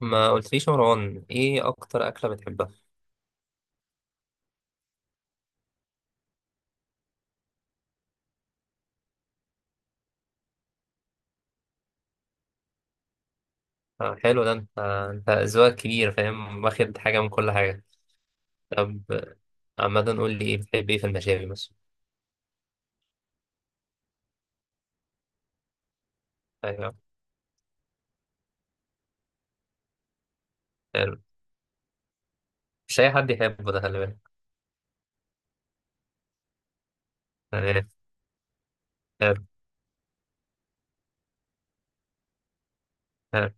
ما قلتليش يا مروان ايه اكتر اكله بتحبها؟ حلو ده. انت ذوقك كبير. فاهم، واخد حاجه من كل حاجه. طب. عامه قول لي ايه بتحب ايه في المشاوي مثلا. ايوه. حلو. مش اي حد يحبه ده، خلي بالك. عارف، عارف، عارف،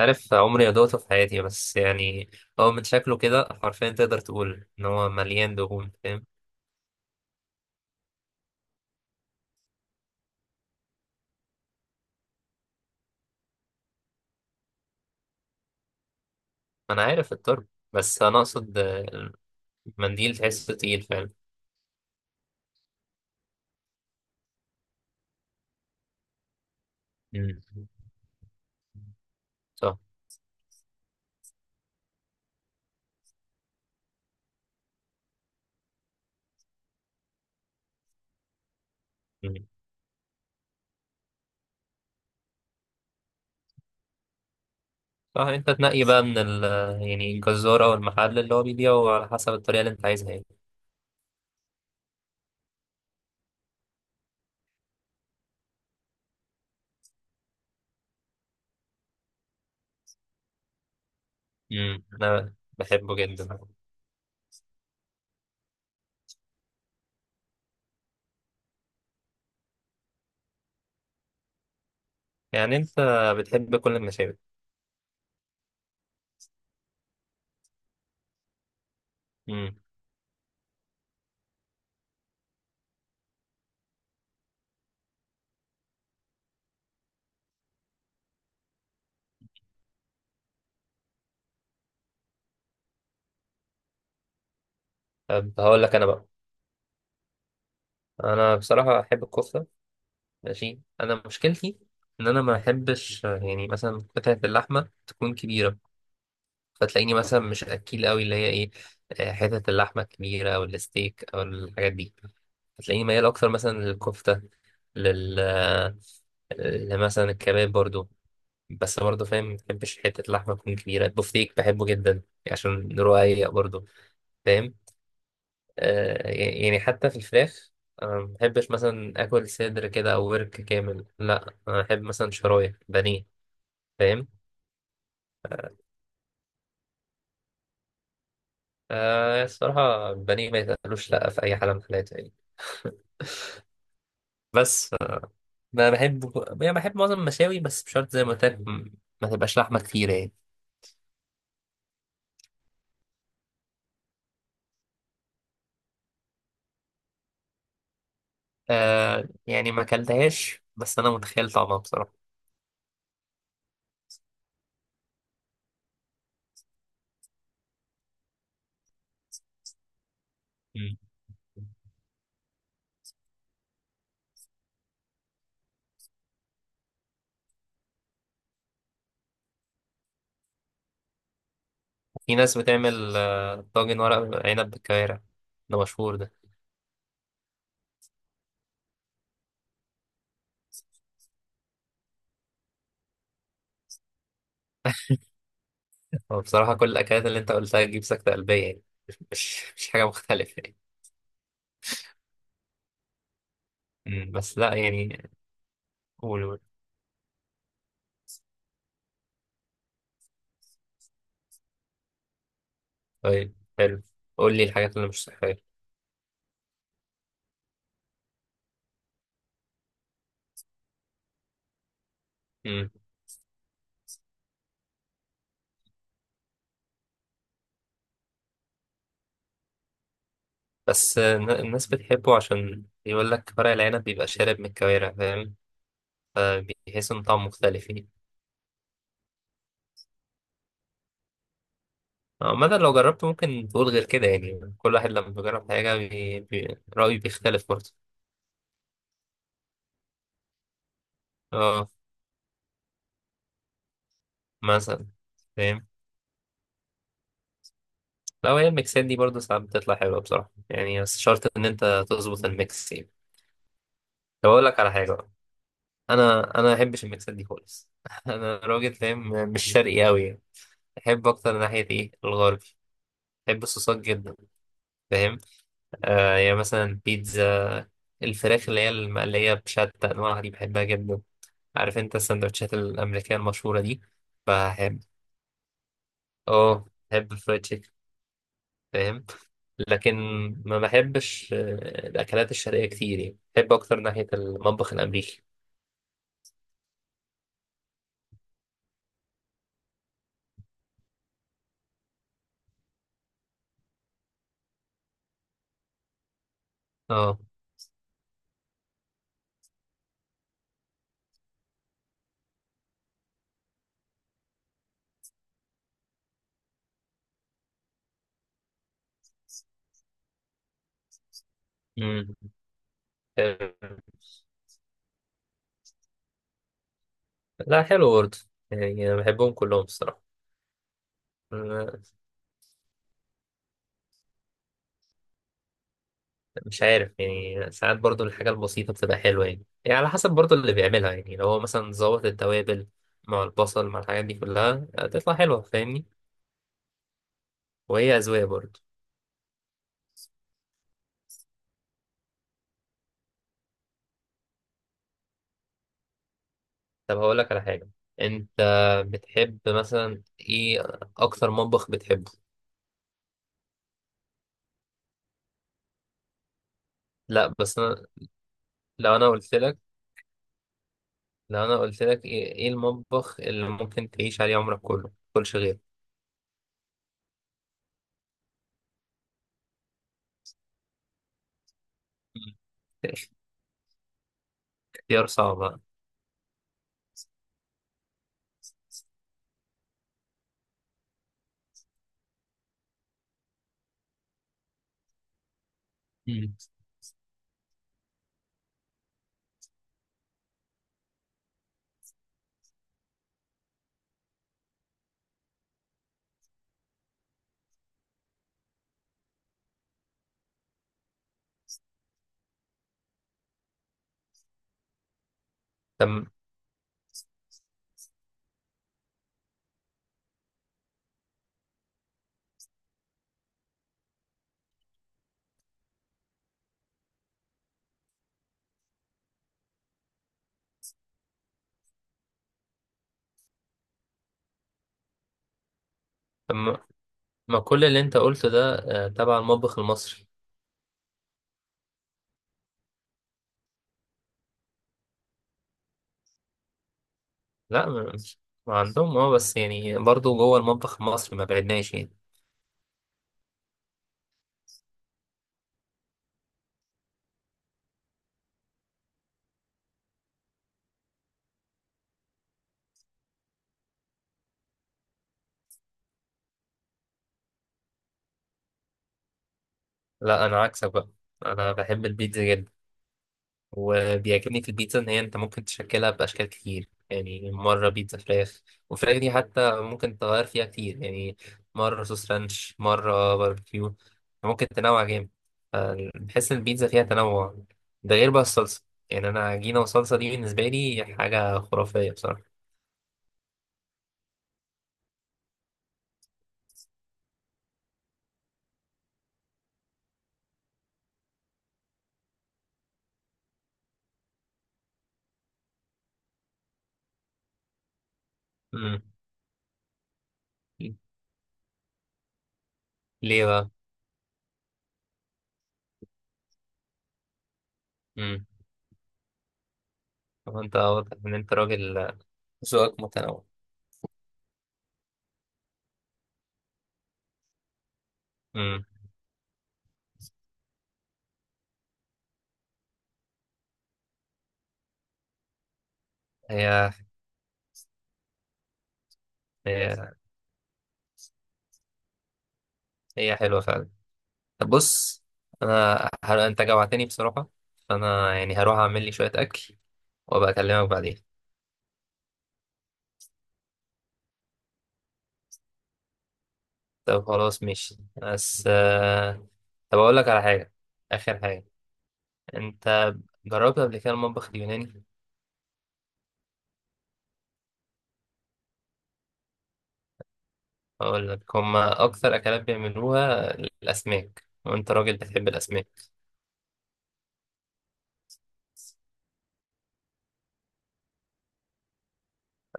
عارف. عمري ما دوقته في حياتي، بس يعني هو من شكله كده حرفيا تقدر تقول ان هو مليان دهون. فاهم. انا عارف الطرب، بس انا اقصد المنديل تحسه تقيل فعلا. مم. صح. صح، انت تنقي بقى من ال... يعني الجزارة او المحل اللي هو بيبيعه على حسب الطريقة اللي انت عايزها يعني. انا بحبه جدا. يعني انت بتحب كل المشاوي؟ امم. طب هقول لك انا بقى. انا بصراحة احب الكفتة. ماشي. انا مشكلتي ان انا ما احبش يعني مثلا قطعة اللحمة تكون كبيرة، فتلاقيني مثلا مش اكيل قوي اللي هي ايه، حتة اللحمة الكبيرة او الستيك او الحاجات دي. هتلاقيني ميال اكتر مثلا للكفتة، لل لمثلا الكباب برضو. بس برضه فاهم، ما بحبش حتة اللحمة تكون كبيرة. البفتيك بحبه جدا عشان رقيق برضه. فاهم. يعني حتى في الفراخ أنا ما بحبش مثلا آكل صدر كده أو ورك كامل. لا، أنا أحب مثلا شرايح بانيه. فاهم. آه، الصراحة البانيه ما يتقالوش لأ في أي حالة من الحالات يعني. بس ما بحب، يعني بحب معظم المشاوي بس مش شرط زي ما قلت لك. ما تبقاش لحمة كتيرة يعني. آه يعني ما أكلتهاش، بس أنا متخيل طعمها بصراحة. مم. في ناس بتعمل طاجن ورق عنب بالكوارع. ده مشهور ده. هو بصراحة كل الأكلات اللي أنت قلتها تجيب سكتة قلبية يعني. مش حاجة مختلفة يعني. بس لا يعني. قول، قول. طيب، حلو. قول لي الحاجات اللي مش صحية. أمم. بس الناس بتحبه عشان يقول لك ورق العنب بيبقى شارب من الكوارع. فاهم. فبيحس إن طعمه مختلف يعني. عامة لو جربته ممكن تقول غير كده، يعني كل واحد لما بيجرب حاجة رأيه بيختلف برضه. اه. مثلا. فاهم. لا، هي الميكسات دي برضه ساعات بتطلع حلوة بصراحة، يعني بس شرط إن أنت تظبط الميكس يعني. طب أقول لك على حاجة بقى. أنا ما بحبش الميكسات دي خالص. أنا راجل فاهم، مش شرقي أوي يعني. أحب أكتر ناحية إيه؟ الغربي. بحب الصوصات جدا. فاهم. يعني مثلا بيتزا، الفراخ اللي هي المقلية بشتى أنواعها دي بحبها جدا. عارف أنت السندوتشات الأمريكية المشهورة دي؟ بحب. بحب الفرايد تشيكن. فاهم. لكن ما بحبش الأكلات الشرقية كتير، يعني بحب أكتر ناحية المطبخ الأمريكي. اه. امم. آه، لا، حلو برضه. يعني أنا بحبهم كلهم الصراحة. آه، مش عارف يعني، ساعات برضه الحاجة البسيطة بتبقى حلوة، يعني على حسب برضه اللي بيعملها يعني، لو هو مثلا ظبط التوابل مع البصل مع الحاجات دي كلها تطلع حلوة. فاهمني. وهي أذواق برضه. طب هقول لك على حاجة. أنت بتحب مثلا إيه؟ أكتر مطبخ بتحبه؟ لا، بس أنا، لو أنا قلت لك لو انا قلت لك ايه، المطبخ اللي ممكن تعيش عليه عمرك كله كلش غير؟ مم. اختيار صعب. مم. طب، طب، ما كل اللي انت قلته ده تبع المطبخ المصري. لا ما ما عندهم. اه بس يعني برضو جوه المطبخ المصري ما بعدناش يعني. لا انا عكسك بقى. انا بحب البيتزا جدا، وبيعجبني في البيتزا ان هي انت ممكن تشكلها باشكال كتير، يعني مره بيتزا فراخ، والفراخ دي حتى ممكن تغير فيها كتير يعني. مره صوص رانش، مره باربيكيو. ممكن تنوع جامد. ف- بحس ان البيتزا فيها تنوع. ده غير بقى الصلصه. يعني انا عجينه وصلصه دي بالنسبه لي حاجه خرافيه بصراحه. امم. ليه بقى؟ امم. هو انت واضح ان انت راجل ذوقك متنوع. امم. هي هي هي حلوه فعلا. بص، انت جوعتني بصراحة. فانا يعني هروح اعمل لي شوية اكل وابقى اكلمك بعدين. طب خلاص، ماشي. بس. طب اقول لك على حاجة، اخر حاجة. انت جربت قبل كده المطبخ اليوناني؟ اقول لك هما اكتر اكلات بيعملوها الاسماك وانت راجل بتحب الاسماك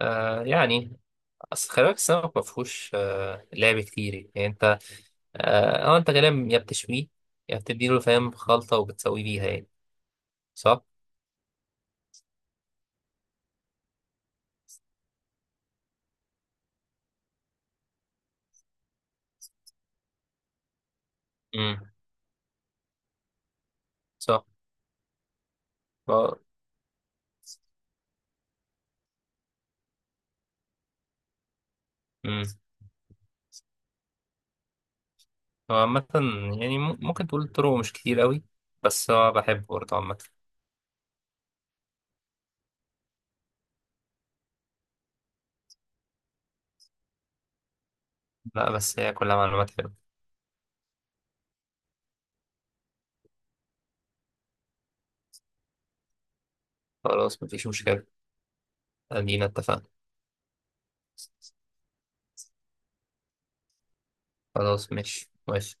يعني اصل خلي بالك السمك ما فيهوش لعب كتير يعني. انت، انت غالبا يا بتشويه يا بتديله فاهم خلطة وبتسويه بيها يعني. صح؟ امم. صح. امم. هو عامة يعني ممكن تقول طرقه مش كتير قوي، بس هو بحبه برضه عامة. لا، بس هي كلها معلومات حلوة. خلاص، مفيش مشكلة. ادينا اتفقنا. خلاص، ماشي، ماشي.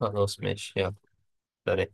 خلاص، ماشي، يلا. سلام.